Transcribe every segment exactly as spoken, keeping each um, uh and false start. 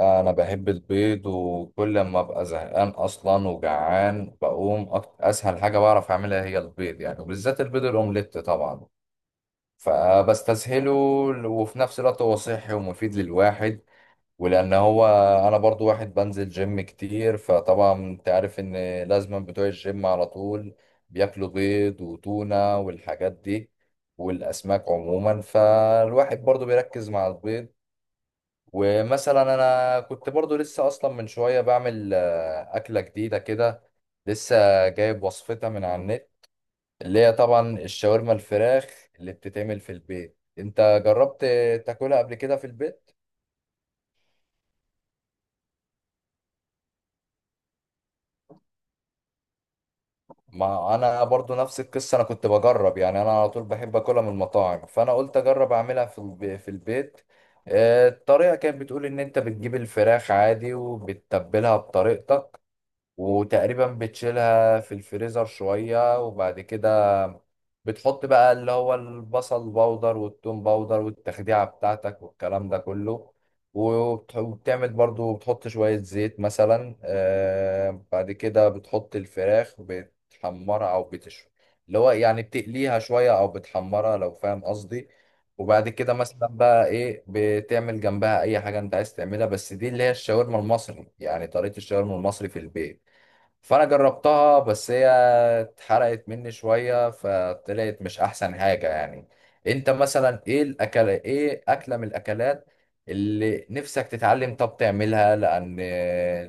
انا بحب البيض، وكل ما ابقى زهقان اصلا وجعان بقوم أكت... اسهل حاجه بعرف اعملها هي البيض، يعني وبالذات البيض الاومليت طبعا. فبستسهله، وفي نفس الوقت هو صحي ومفيد للواحد. ولان هو انا برضو واحد بنزل جيم كتير، فطبعا انت عارف ان لازم بتوع الجيم على طول بياكلوا بيض وتونه والحاجات دي والاسماك عموما، فالواحد برضو بيركز مع البيض. ومثلا انا كنت برضو لسه اصلا من شويه بعمل آه، اكله جديده كده، لسه جايب وصفتها من على النت، اللي هي طبعا الشاورما الفراخ اللي بتتعمل في البيت. انت جربت تاكلها قبل كده في البيت؟ ما انا برضو نفس القصه، انا كنت بجرب، يعني انا على طول بحب اكلها من المطاعم، فانا قلت اجرب اعملها في الب- في البيت. آه، الطريقه كانت بتقول ان انت بتجيب الفراخ عادي وبتتبلها بطريقتك، وتقريبا بتشيلها في الفريزر شوية، وبعد كده بتحط بقى اللي هو البصل باودر والثوم باودر والتخديعة بتاعتك والكلام ده كله، وبت- وبتعمل برضو بتحط شوية زيت مثلا، آه بعد كده بتحط الفراخ بتحمرها أو بتشوي، اللي هو يعني بتقليها شوية أو بتحمرها، لو فاهم قصدي. وبعد كده مثلا بقى ايه بتعمل جنبها اي حاجة انت عايز تعملها، بس دي اللي هي الشاورما المصري، يعني طريقة الشاورما المصري في البيت. فانا جربتها، بس هي اتحرقت مني شويه، فطلعت مش احسن حاجه يعني. انت مثلا ايه الاكله، ايه اكله من الاكلات اللي نفسك تتعلم طب تعملها؟ لان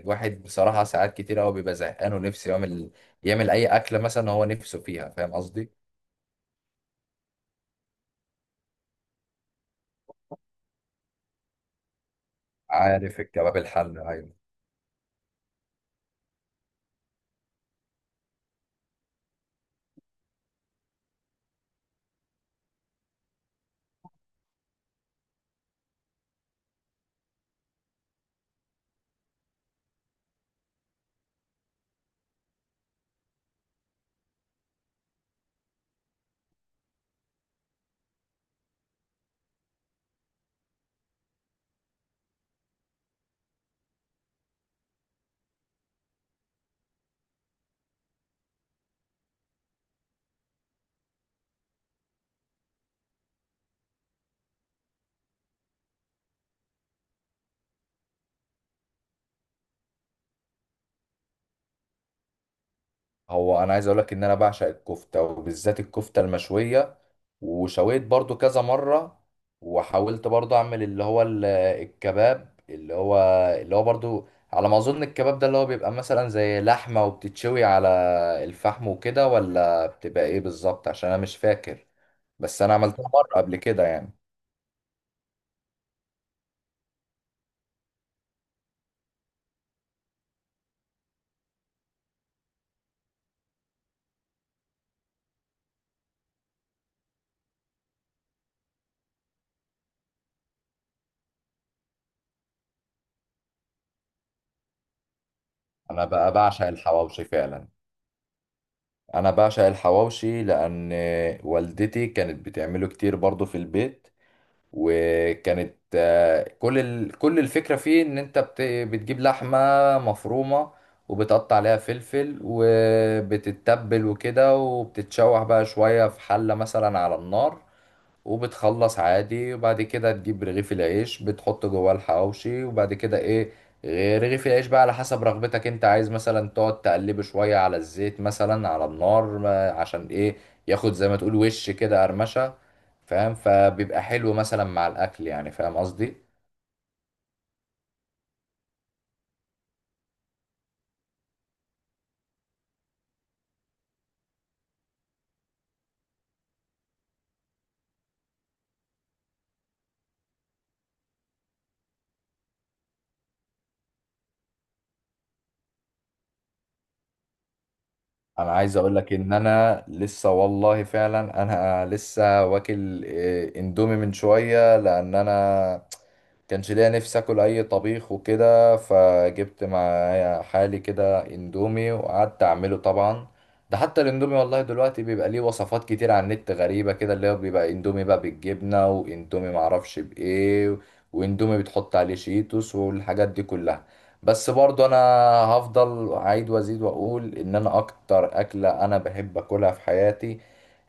الواحد بصراحه ساعات كتير قوي بيبقى زهقان، ونفسه يعمل، يعمل اي اكله مثلا هو نفسه فيها، فاهم قصدي؟ عارف الكباب الحل، ايوه. هو انا عايز اقول لك ان انا بعشق الكفته، وبالذات الكفته المشويه، وشويت برضو كذا مرة. وحاولت برضو اعمل اللي هو ال- الكباب، اللي هو، اللي هو برضو، على ما اظن الكباب ده اللي هو بيبقى مثلا زي لحمة وبتتشوي على الفحم وكده، ولا بتبقى ايه بالظبط؟ عشان انا مش فاكر. بس انا عملتها مرة قبل كده يعني. انا بقى بعشق الحواوشي فعلا. انا بعشق الحواوشي لان والدتي كانت بتعمله كتير برضو في البيت. وكانت آه، كل ال... كل الفكرة فيه ان انت بت... بتجيب لحمة مفرومة، وبتقطع عليها فلفل وبتتبل وكده، وبتتشوح بقى شوية في حلة مثلا على النار، وبتخلص عادي. وبعد كده تجيب رغيف العيش بتحط جواه الحواوشي، وبعد كده ايه، غ- رغيف العيش بقى على حسب رغبتك، انت عايز مثلا تقعد تقلبه شوية على الزيت مثلا على النار، ما- عشان ايه، ياخد زي ما تقول وش كده قرمشة، فاهم؟ فبيبقى حلو مثلا مع الاكل، يعني فاهم قصدي. انا عايز اقول لك ان انا لسه والله فعلا، انا لسه واكل إيه، اندومي من شويه، لان انا كانش ليا نفسي اكل اي طبيخ وكده، فجبت معايا حالي كده اندومي وقعدت اعمله طبعا. ده حتى الاندومي والله دلوقتي بيبقى ليه وصفات كتير على النت غريبه كده، اللي هو بيبقى اندومي بقى بالجبنه، واندومي معرفش بايه، واندومي بتحط عليه شيتوس والحاجات دي كلها. بس برضو انا هفضل اعيد وازيد واقول ان انا اكتر اكلة انا بحب اكلها في حياتي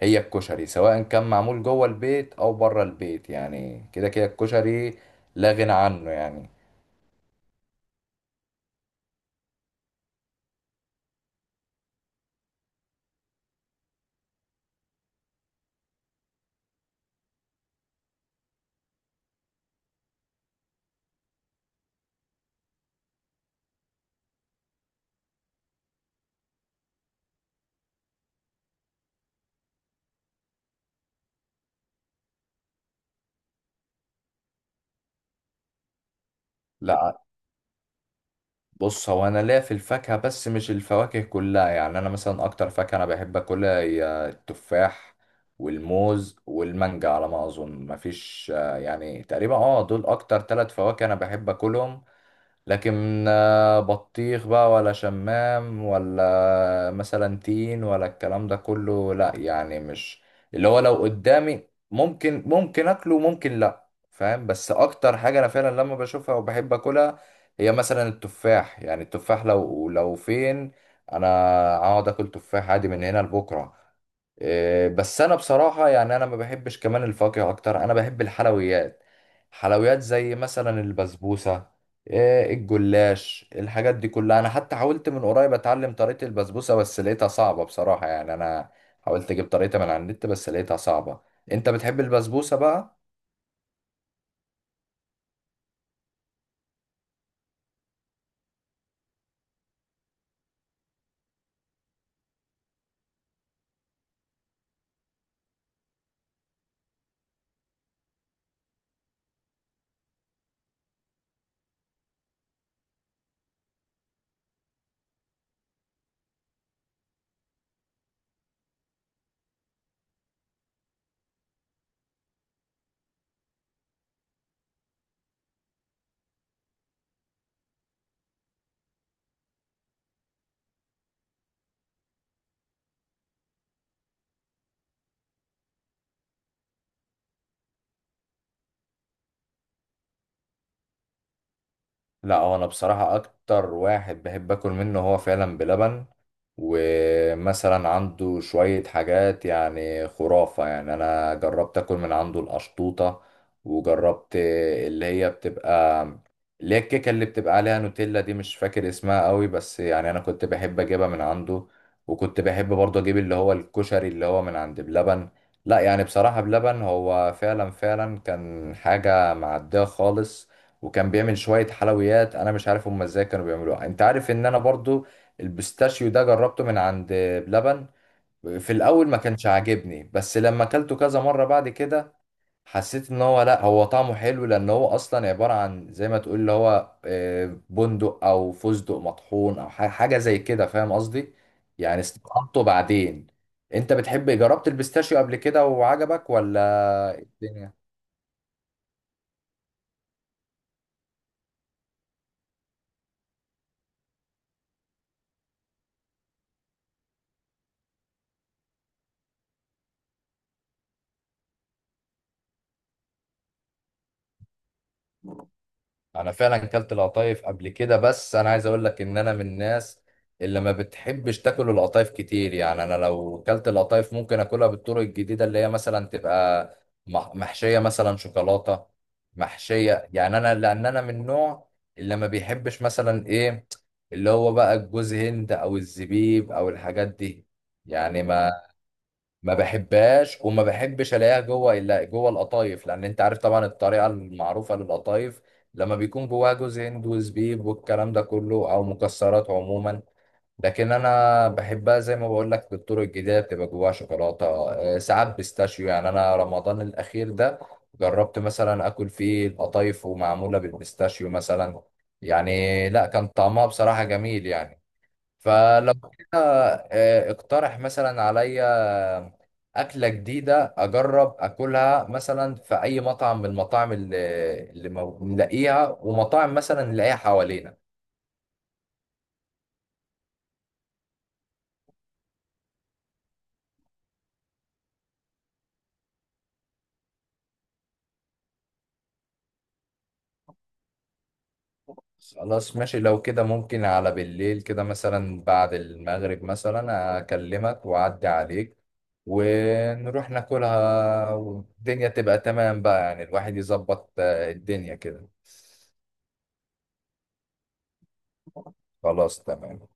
هي الكشري، سواء كان معمول جوه البيت او بره البيت، يعني كده كده الكشري لا غنى عنه يعني. لا، بص، هو انا ليا في الفاكهة، بس مش الفواكه كلها، يعني انا مثلا اكتر فاكهة انا بحب اكلها هي التفاح والموز والمانجا، على ما اظن مفيش، آه، يعني تقريبا اه دول اكتر ثلاث فواكه انا بحب اكلهم. لكن، آه، بطيخ بقى ولا شمام ولا مثلا تين ولا الكلام ده كله لا، يعني مش اللي هو، لو قدامي ممكن ممكن اكله وممكن لا، فاهم؟ بس اكتر حاجة انا فعلا لما بشوفها وبحب اكلها هي مثلا التفاح. يعني التفاح لو لو فين انا، اقعد اكل تفاح عادي من هنا لبكرة. إيه، بس انا بصراحة يعني انا ما بحبش كمان الفاكهة اكتر، انا بحب الحلويات، حلويات زي مثلا البسبوسة، آه، الجلاش، الحاجات دي كلها. انا حتى حاولت من قريب اتعلم طريقة البسبوسة، بس لقيتها صعبة بصراحة، يعني انا حاولت اجيب طريقة من على النت بس لقيتها صعبة. انت بتحب البسبوسة بقى؟ لا، هو انا بصراحة اكتر واحد بحب اكل منه هو فعلا بلبن. ومثلا عنده شوية حاجات يعني خرافة، يعني أنا جربت أكل من عنده القشطوطة، وجربت اللي هي بتبقى اللي هي الكيكة اللي بتبقى عليها نوتيلا دي، مش فاكر اسمها قوي، بس يعني أنا كنت بحب أجيبها من عنده. وكنت بحب برضه أجيب اللي هو الكشري اللي هو من عند بلبن. لا يعني بصراحة بلبن هو فعلا فعلا كان حاجة معدية خالص، وكان بيعمل شوية حلويات أنا مش عارف هما ازاي كانوا بيعملوها. أنت عارف إن أنا برضو البيستاشيو ده جربته من عند بلبن، في الاول ما كانش عاجبني، بس لما اكلته كذا مره بعد كده حسيت ان هو لا، هو طعمه حلو، لان هو اصلا عباره عن زي ما تقول اللي هو، آه، بندق او فستق مطحون او ح- حاجه زي كده، فاهم قصدي؟ يعني استطعمته بعدين. انت بتحب، جربت البيستاشيو قبل كده وعجبك ولا إيه الدنيا؟ انا فعلا كلت القطايف قبل كده، بس انا عايز اقول لك ان انا من الناس اللي ما بتحبش تاكل القطايف كتير. يعني انا لو كلت القطايف ممكن اكلها بالطرق الجديده، اللي هي مثلا تبقى مح- محشيه مثلا شوكولاته، محشيه، يعني انا لان انا من النوع اللي ما بيحبش مثلا ايه، اللي هو بقى الجوز هند او الزبيب او الحاجات دي. يعني ما ما بحبهاش، وما بحبش الاقيها جوه الا جوه القطايف، لان انت عارف طبعا الطريقه المعروفه للقطايف لما بيكون جواها جوز هند وزبيب والكلام ده كله، او مكسرات عموما. لكن انا بحبها زي ما بقول لك بالطرق الجديده، بتبقى جواها شوكولاته، آه، ساعات بيستاشيو. يعني انا رمضان الاخير ده جربت مثلا اكل فيه القطايف ومعموله بالبيستاشيو مثلا، يعني لا كان طعمها بصراحه جميل يعني. فلو كده آه، اقترح مثلا عليا أكلة جديدة أجرب أكلها مثلا في أي مطعم من المطاعم اللي اللي مو- نلاقيها، ومطاعم مثلا نلاقيها حوالينا. خلاص ماشي، لو كده ممكن على بالليل كده مثلا بعد المغرب مثلا أكلمك وأعدي عليك، ونروح ناكلها، والدنيا تبقى تمام بقى. يعني الواحد يظبط آه، الدنيا كده. خلاص تمام.